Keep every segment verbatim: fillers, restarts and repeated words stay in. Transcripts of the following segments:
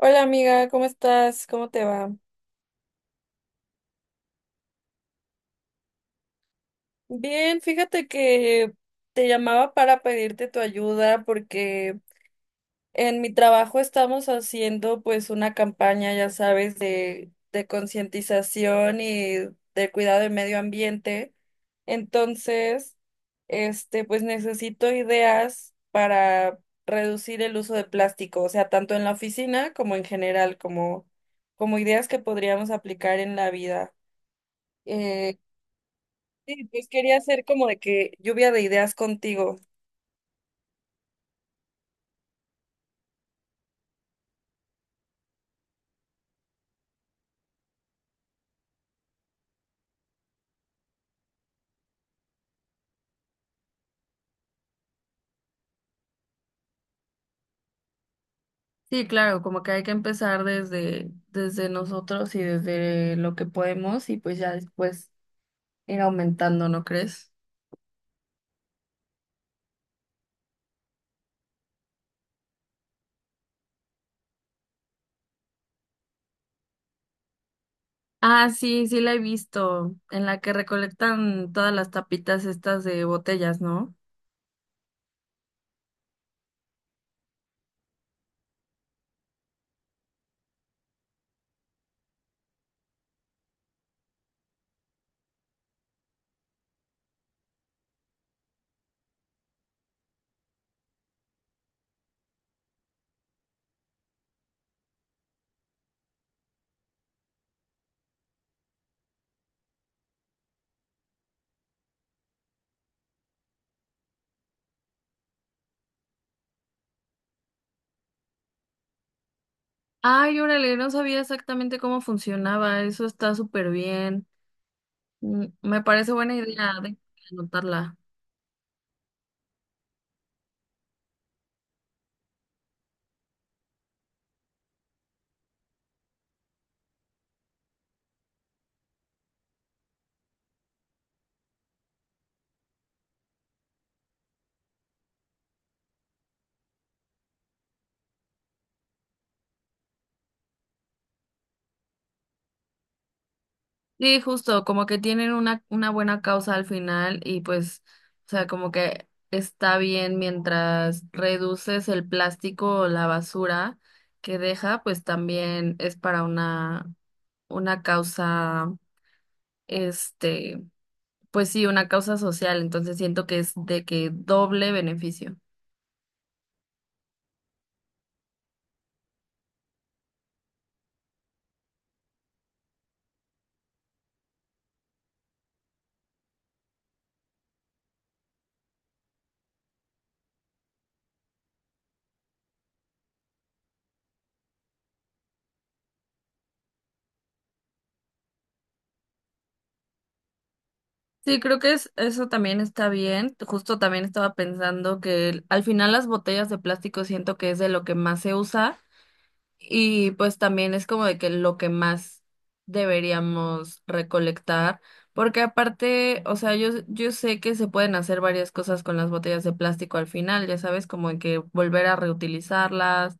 Hola amiga, ¿cómo estás? ¿Cómo te va? Bien, fíjate que te llamaba para pedirte tu ayuda porque en mi trabajo estamos haciendo pues una campaña, ya sabes, de, de concientización y de cuidado del medio ambiente. Entonces, este, pues necesito ideas para reducir el uso de plástico, o sea, tanto en la oficina como en general, como, como ideas que podríamos aplicar en la vida. Eh, Sí, pues quería hacer como de que lluvia de ideas contigo. Sí, claro, como que hay que empezar desde, desde nosotros y desde lo que podemos, y pues ya después ir aumentando, ¿no crees? Ah, sí, sí la he visto, en la que recolectan todas las tapitas estas de botellas, ¿no? Ay, órale, no sabía exactamente cómo funcionaba, eso está súper bien. Mm, me parece buena idea de anotarla. Sí, justo, como que tienen una, una buena causa al final y pues, o sea, como que está bien mientras reduces el plástico o la basura que deja, pues también es para una, una causa, este, pues sí, una causa social, entonces siento que es de que doble beneficio. Sí, creo que es, eso también está bien. Justo también estaba pensando que el- al final las botellas de plástico siento que es de lo que más se usa. Y pues también es como de que lo que más deberíamos recolectar, porque aparte, o sea, yo, yo sé que se pueden hacer varias cosas con las botellas de plástico al final, ya sabes, como de que volver a reutilizarlas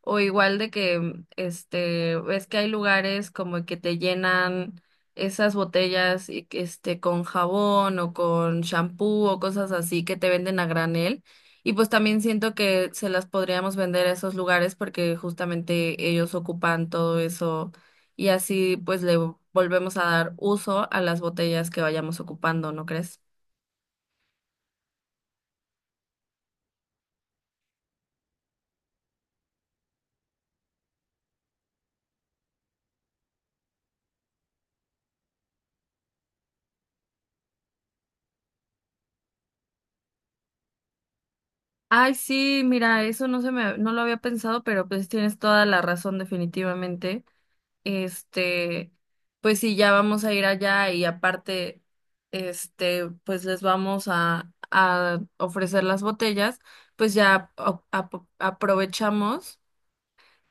o igual de que, este, ves que hay lugares como que te llenan esas botellas y que, este, con jabón o con shampoo o cosas así que te venden a granel. Y pues también siento que se las podríamos vender a esos lugares porque justamente ellos ocupan todo eso y así pues le volvemos a dar uso a las botellas que vayamos ocupando, ¿no crees? Ay, sí, mira, eso no se me, no lo había pensado, pero pues tienes toda la razón definitivamente. Este, pues sí, ya vamos a ir allá y aparte, este, pues les vamos a, a ofrecer las botellas, pues ya a- a- aprovechamos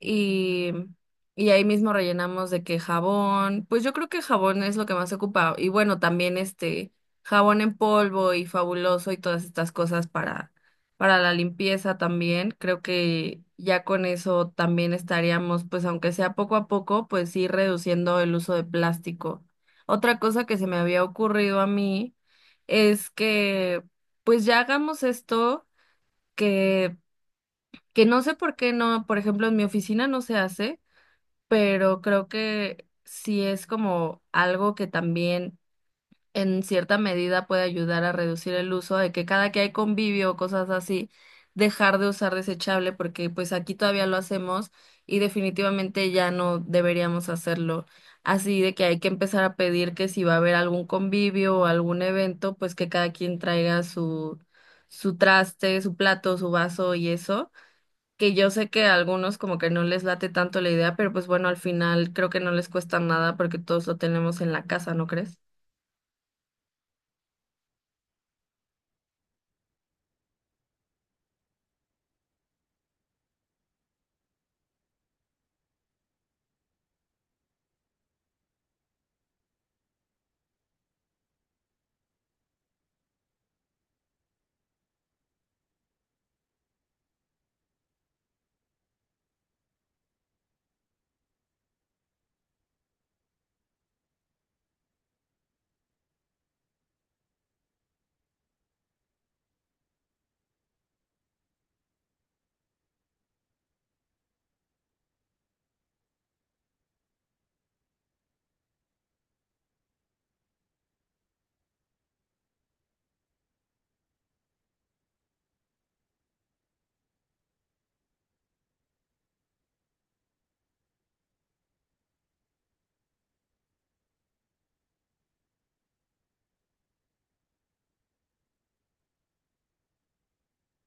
y, y ahí mismo rellenamos de que jabón, pues yo creo que jabón es lo que más se ocupa y bueno, también este jabón en polvo y fabuloso y todas estas cosas para, para la limpieza también, creo que ya con eso también estaríamos, pues aunque sea poco a poco, pues ir reduciendo el uso de plástico. Otra cosa que se me había ocurrido a mí es que pues ya hagamos esto que que no sé por qué no, por ejemplo, en mi oficina no se hace, pero creo que sí es como algo que también en cierta medida puede ayudar a reducir el uso de que cada que hay convivio o cosas así, dejar de usar desechable, porque pues aquí todavía lo hacemos y definitivamente ya no deberíamos hacerlo. Así de que hay que empezar a pedir que si va a haber algún convivio o algún evento, pues que cada quien traiga su su traste, su plato, su vaso, y eso que yo sé que a algunos como que no les late tanto la idea, pero pues bueno, al final creo que no les cuesta nada porque todos lo tenemos en la casa, ¿no crees?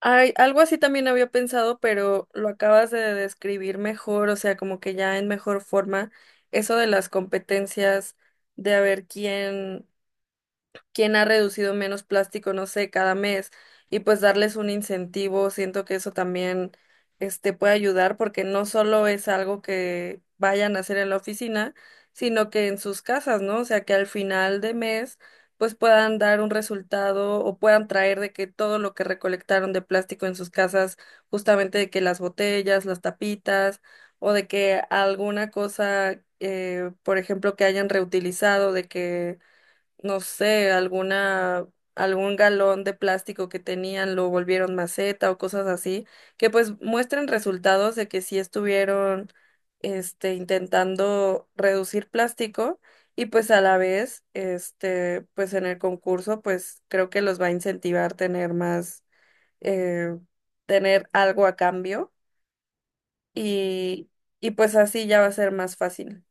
Ay, algo así también había pensado, pero lo acabas de describir mejor, o sea, como que ya en mejor forma, eso de las competencias, de a ver quién. quién ha reducido menos plástico, no sé, cada mes, y pues darles un incentivo, siento que eso también este puede ayudar porque no solo es algo que vayan a hacer en la oficina, sino que en sus casas, ¿no? O sea, que al final de mes pues puedan dar un resultado o puedan traer de que todo lo que recolectaron de plástico en sus casas, justamente de que las botellas, las tapitas o de que alguna cosa, eh, por ejemplo, que hayan reutilizado, de que no sé, alguna, algún galón de plástico que tenían lo volvieron maceta o cosas así, que pues muestren resultados de que sí estuvieron, este, intentando reducir plástico y pues a la vez, este, pues en el concurso, pues creo que los va a incentivar tener más, eh, tener algo a cambio y, y pues así ya va a ser más fácil.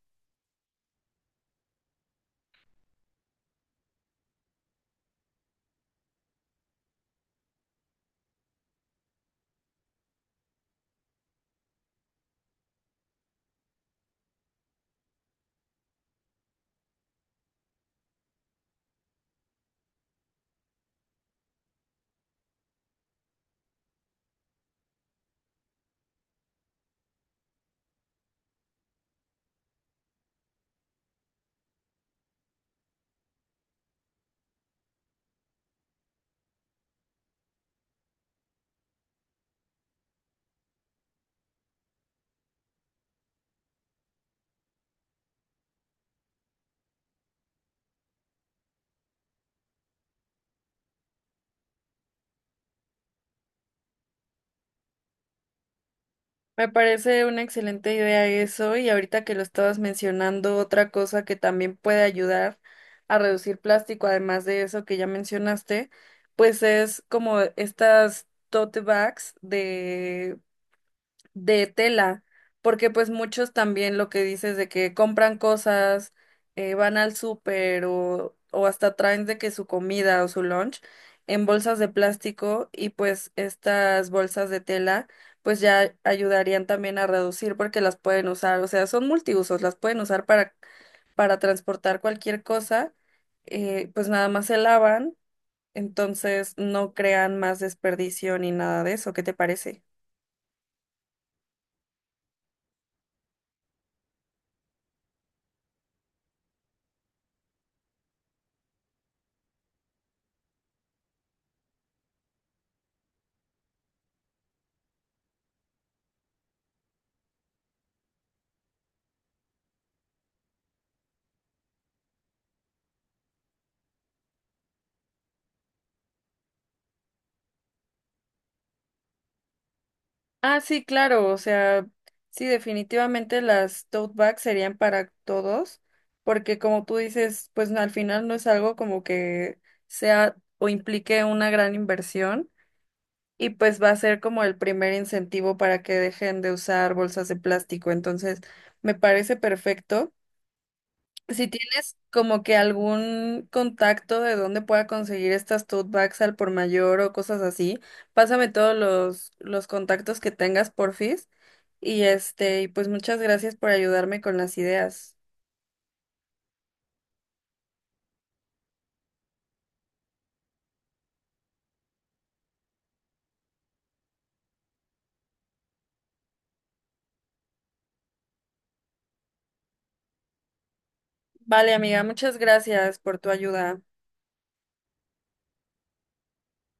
Me parece una excelente idea eso, y ahorita que lo estabas mencionando, otra cosa que también puede ayudar a reducir plástico, además de eso que ya mencionaste, pues es como estas tote bags de de tela, porque pues muchos también lo que dices de que compran cosas, eh, van al súper o, o hasta traen de que su comida o su lunch en bolsas de plástico, y pues estas bolsas de tela pues ya ayudarían también a reducir porque las pueden usar, o sea, son multiusos, las pueden usar para, para transportar cualquier cosa, eh, pues nada más se lavan, entonces no crean más desperdicio ni nada de eso, ¿qué te parece? Ah, sí, claro, o sea, sí, definitivamente las tote bags serían para todos, porque como tú dices, pues no, al final no es algo como que sea o implique una gran inversión, y pues va a ser como el primer incentivo para que dejen de usar bolsas de plástico, entonces me parece perfecto. Si tienes como que algún contacto de dónde pueda conseguir estas tote bags al por mayor o cosas así, pásame todos los, los contactos que tengas, porfis. Y este, y pues muchas gracias por ayudarme con las ideas. Vale, amiga, muchas gracias por tu ayuda.